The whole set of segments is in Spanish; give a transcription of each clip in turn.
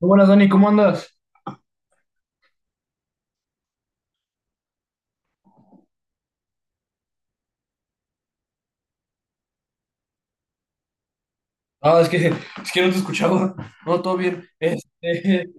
Muy buenas, Dani, ¿cómo andas? Ah, es que no te escuchaba. No, todo bien. Este,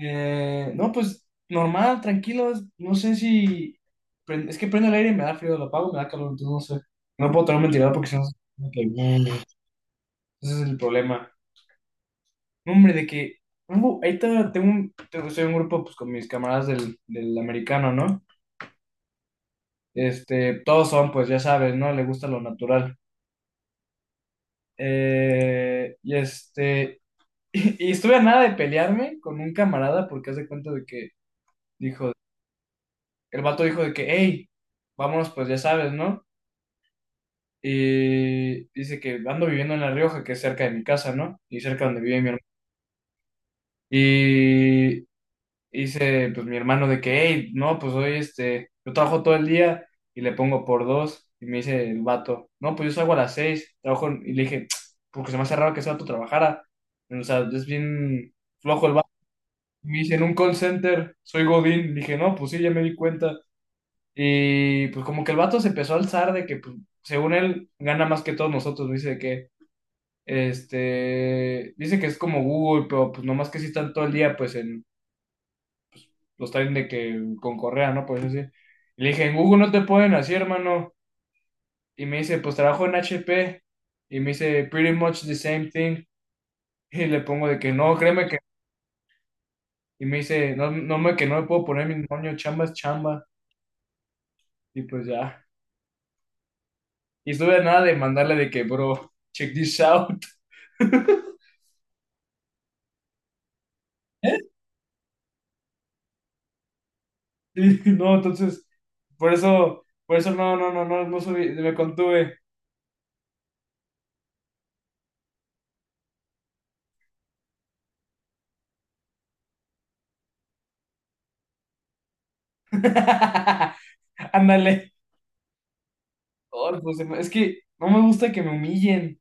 eh, No, pues normal, tranquilo. No sé si. Es que prendo el aire y me da frío, lo apago, me da calor, entonces no sé. No puedo tener un ventilador porque si no. Ese es el problema. No, hombre, de que. Tengo, ahí está, estoy en un grupo pues, con mis camaradas del americano, ¿no? Este, todos son, pues ya sabes, ¿no? Le gusta lo natural. Y este. Y estuve a nada de pelearme con un camarada porque hace cuenta de que dijo, el vato dijo de que, hey, vámonos, pues ya sabes, ¿no? Y dice que ando viviendo en La Rioja, que es cerca de mi casa, ¿no? Y cerca donde vive mi hermano. Y dice pues mi hermano de que, hey, no, pues hoy yo trabajo todo el día y le pongo por dos. Y me dice el vato, no, pues yo salgo a las seis, trabajo, en-, y le dije, porque se me hace raro que ese vato trabajara. O sea, es bien flojo el vato. Me dice, en un call center, soy Godín. Dije, no, pues sí, ya me di cuenta. Y pues como que el vato se empezó a alzar de que, pues, según él, gana más que todos nosotros. Me dice de que, dice que es como Google, pero pues nomás que sí están todo el día, pues, en los traen de que con correa, ¿no? Por eso sí. Y le dije, en Google no te pueden así, hermano. Y me dice, pues trabajo en HP. Y me dice, pretty much the same thing. Y le pongo de que no, créeme que. Y me dice, no, que no me puedo poner mi moño, chamba es chamba. Y pues ya. Y estuve a nada de mandarle de que, bro, check this out. ¿Eh? Y no, entonces, por eso no subí, me contuve. Ándale. Oh, pues, es que no me gusta que me humillen.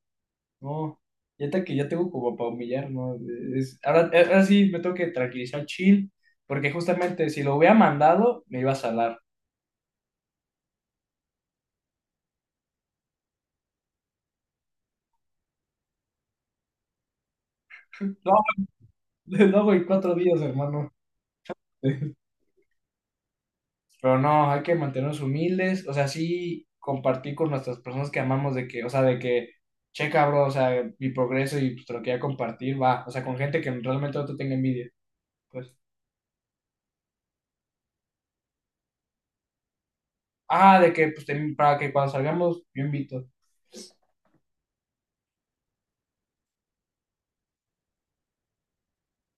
No, que ya tengo como para humillar, ¿no? Ahora sí me tengo que tranquilizar, chill, porque justamente si lo hubiera mandado, me iba a salar. Lo hago en cuatro días, hermano. Pero no, hay que mantenernos humildes, o sea, sí compartir con nuestras personas que amamos de que, checa, bro, o sea, mi progreso y pues, te lo quería compartir, va, o sea, con gente que realmente no te tenga envidia, pues, ah, de que, pues, para que cuando salgamos, yo invito,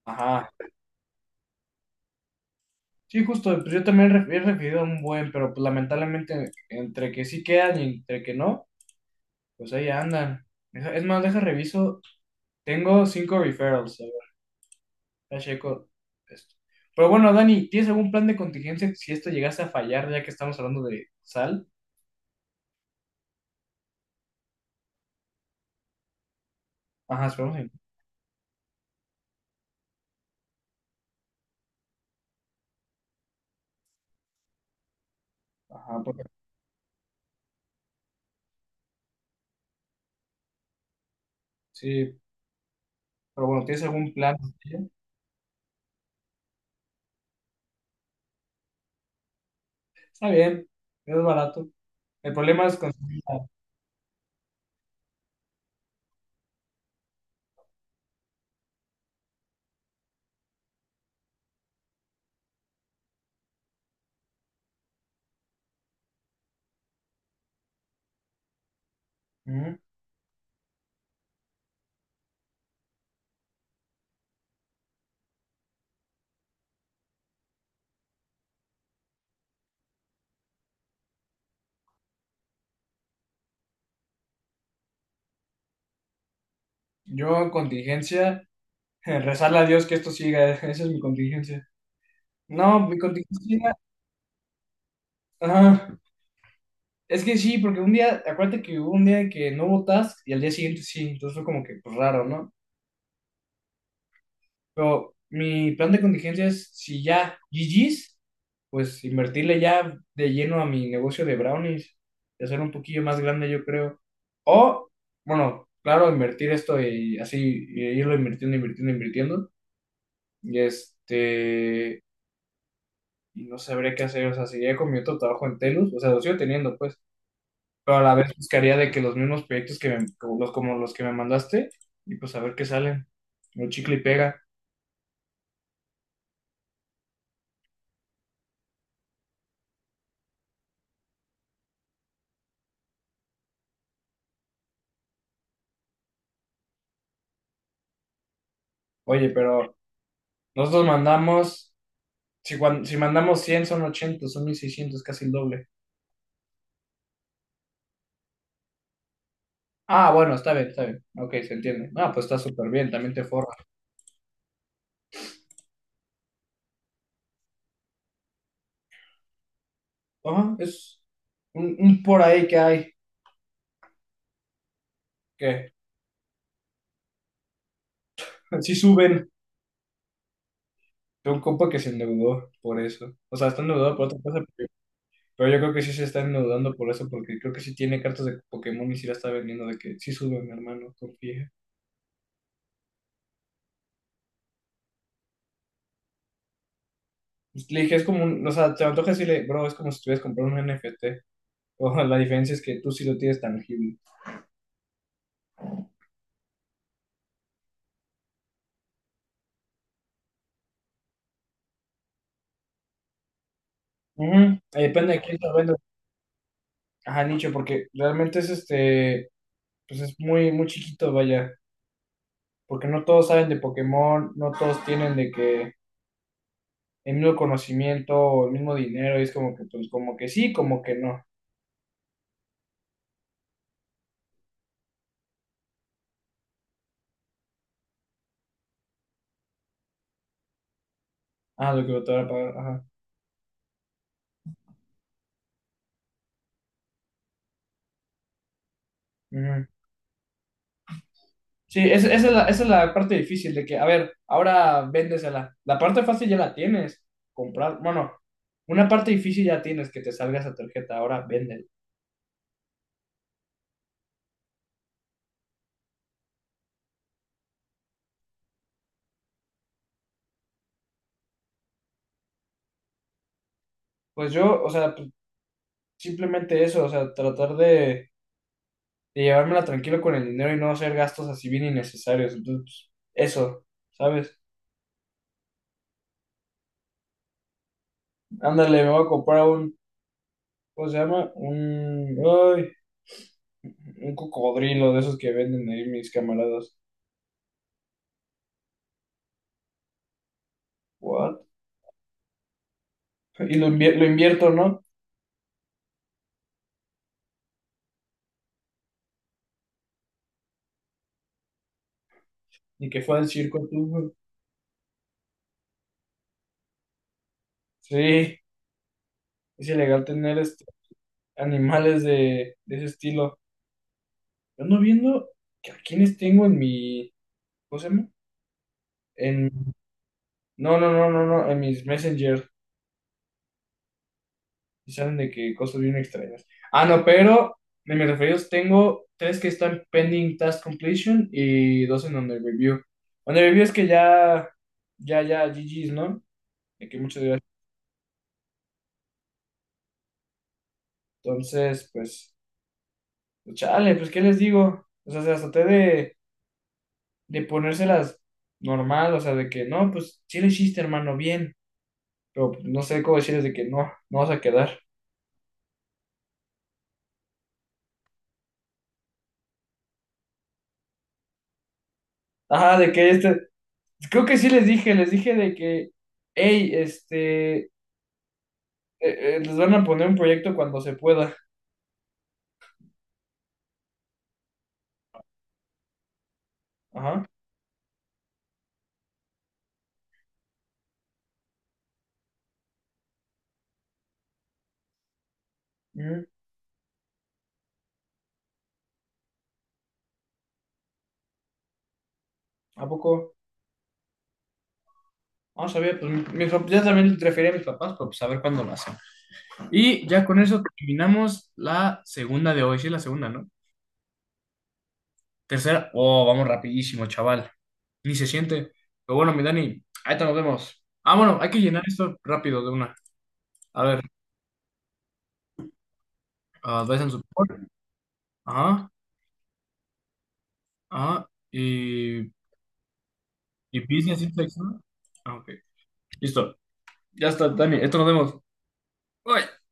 ajá, sí, justo, pues yo también he recibido un buen, pero pues lamentablemente, entre que sí quedan y entre que no, pues ahí andan. Es más, deja reviso, tengo cinco referrals. Ya checo esto. Pero bueno, Dani, ¿tienes algún plan de contingencia si esto llegase a fallar, ya que estamos hablando de sal? Ajá, esperamos. Ajá, sí, pero bueno, ¿tienes algún plan? Está bien, es barato. El problema es conseguir la- Ujú. Yo en contingencia, rezarle a Dios que esto siga, esa es mi contingencia. No, mi contingencia, ajá. Es que sí, porque un día, acuérdate que hubo un día que no hubo task y al día siguiente sí, entonces fue como que pues, raro, ¿no? Pero mi plan de contingencia es, si ya GG's, pues invertirle ya de lleno a mi negocio de brownies y hacer un poquillo más grande, yo creo. O, bueno, claro, invertir esto y así e irlo invirtiendo. Y este, y no sabría qué hacer, o sea, seguiría con mi otro trabajo en Telus, o sea, lo sigo teniendo, pues, pero a la vez buscaría de que los mismos proyectos que como los que me mandaste, y pues a ver qué salen. Un chicle y pega. Oye, pero nosotros mandamos. Si, si mandamos 100 son 80 son 1600 casi el doble. Ah, bueno, está bien. Ok, se entiende. Ah, pues está súper bien, también te forra. Ajá, es un por ahí que hay. Que sí suben. Tengo un compa que se endeudó por eso. O sea, está endeudado por otra cosa, pero yo creo que sí se está endeudando por eso, porque creo que sí tiene cartas de Pokémon y sí la está vendiendo, de que sí sube, mi hermano, confía. Pues, le dije, es como un, o sea, te antoja decirle, bro, es como si estuvieras comprando un NFT. O la diferencia es que tú sí lo tienes tangible. Ujú, depende de quién lo venda. Ajá, nicho, porque realmente es este, pues es muy, muy chiquito, vaya, porque no todos saben de Pokémon, no todos tienen de que el mismo conocimiento o el mismo dinero, y es como que, pues, como que sí, como que no. Ah, lo que te van a pagar, ajá. Ujú. Sí, esa es la parte difícil de que, a ver, ahora véndesela. La parte fácil ya la tienes, comprar, bueno, una parte difícil ya tienes que te salga esa tarjeta, ahora véndela. Pues yo, o sea, pues, simplemente eso, o sea, tratar de llevármela tranquilo con el dinero y no hacer gastos así bien innecesarios. Entonces, pues, eso, ¿sabes? Ándale, me voy a comprar un, ¿cómo se llama? Un, ay, un cocodrilo de esos que venden ahí mis camaradas. ¿What? Y lo, lo invierto, ¿no? Y que fue al circo tú. Sí, es ilegal tener este, animales de ese estilo. Yo ando viendo que a quienes tengo en mi, ¿cómo se llama? En, no, en mis messengers. Y salen de que cosas bien extrañas. Ah, no, pero de mis referidos tengo tres que están pending task completion y dos en under review. Under review es que ya, GG's, ¿no? De que muchas gracias. Entonces, pues, pues, chale, pues, ¿qué les digo? O sea, hasta de ponérselas normal, o sea, de que no, pues, sí le hiciste, hermano, bien. Pero pues, no sé cómo decirles de que no, no vas a quedar. Ajá, de que este, creo que sí les dije de que, hey, les van a poner un proyecto cuando se pueda. Ajá. Mm, ¿a poco? No sabía, pues ya también le referí a mis papás, pero pues a ver cuándo lo hacen. Y ya con eso terminamos la segunda de hoy. Sí, la segunda, ¿no? Tercera. Oh, vamos rapidísimo, chaval. Ni se siente. Pero bueno, mi Dani, ahí te nos vemos. Ah, bueno, hay que llenar esto rápido de una. A ver, ah, Advice and Support. Ajá, ajá. Y Business Insights, ¿no? Ah, ok. Listo. Ya está, Dani. Esto nos vemos. Bye.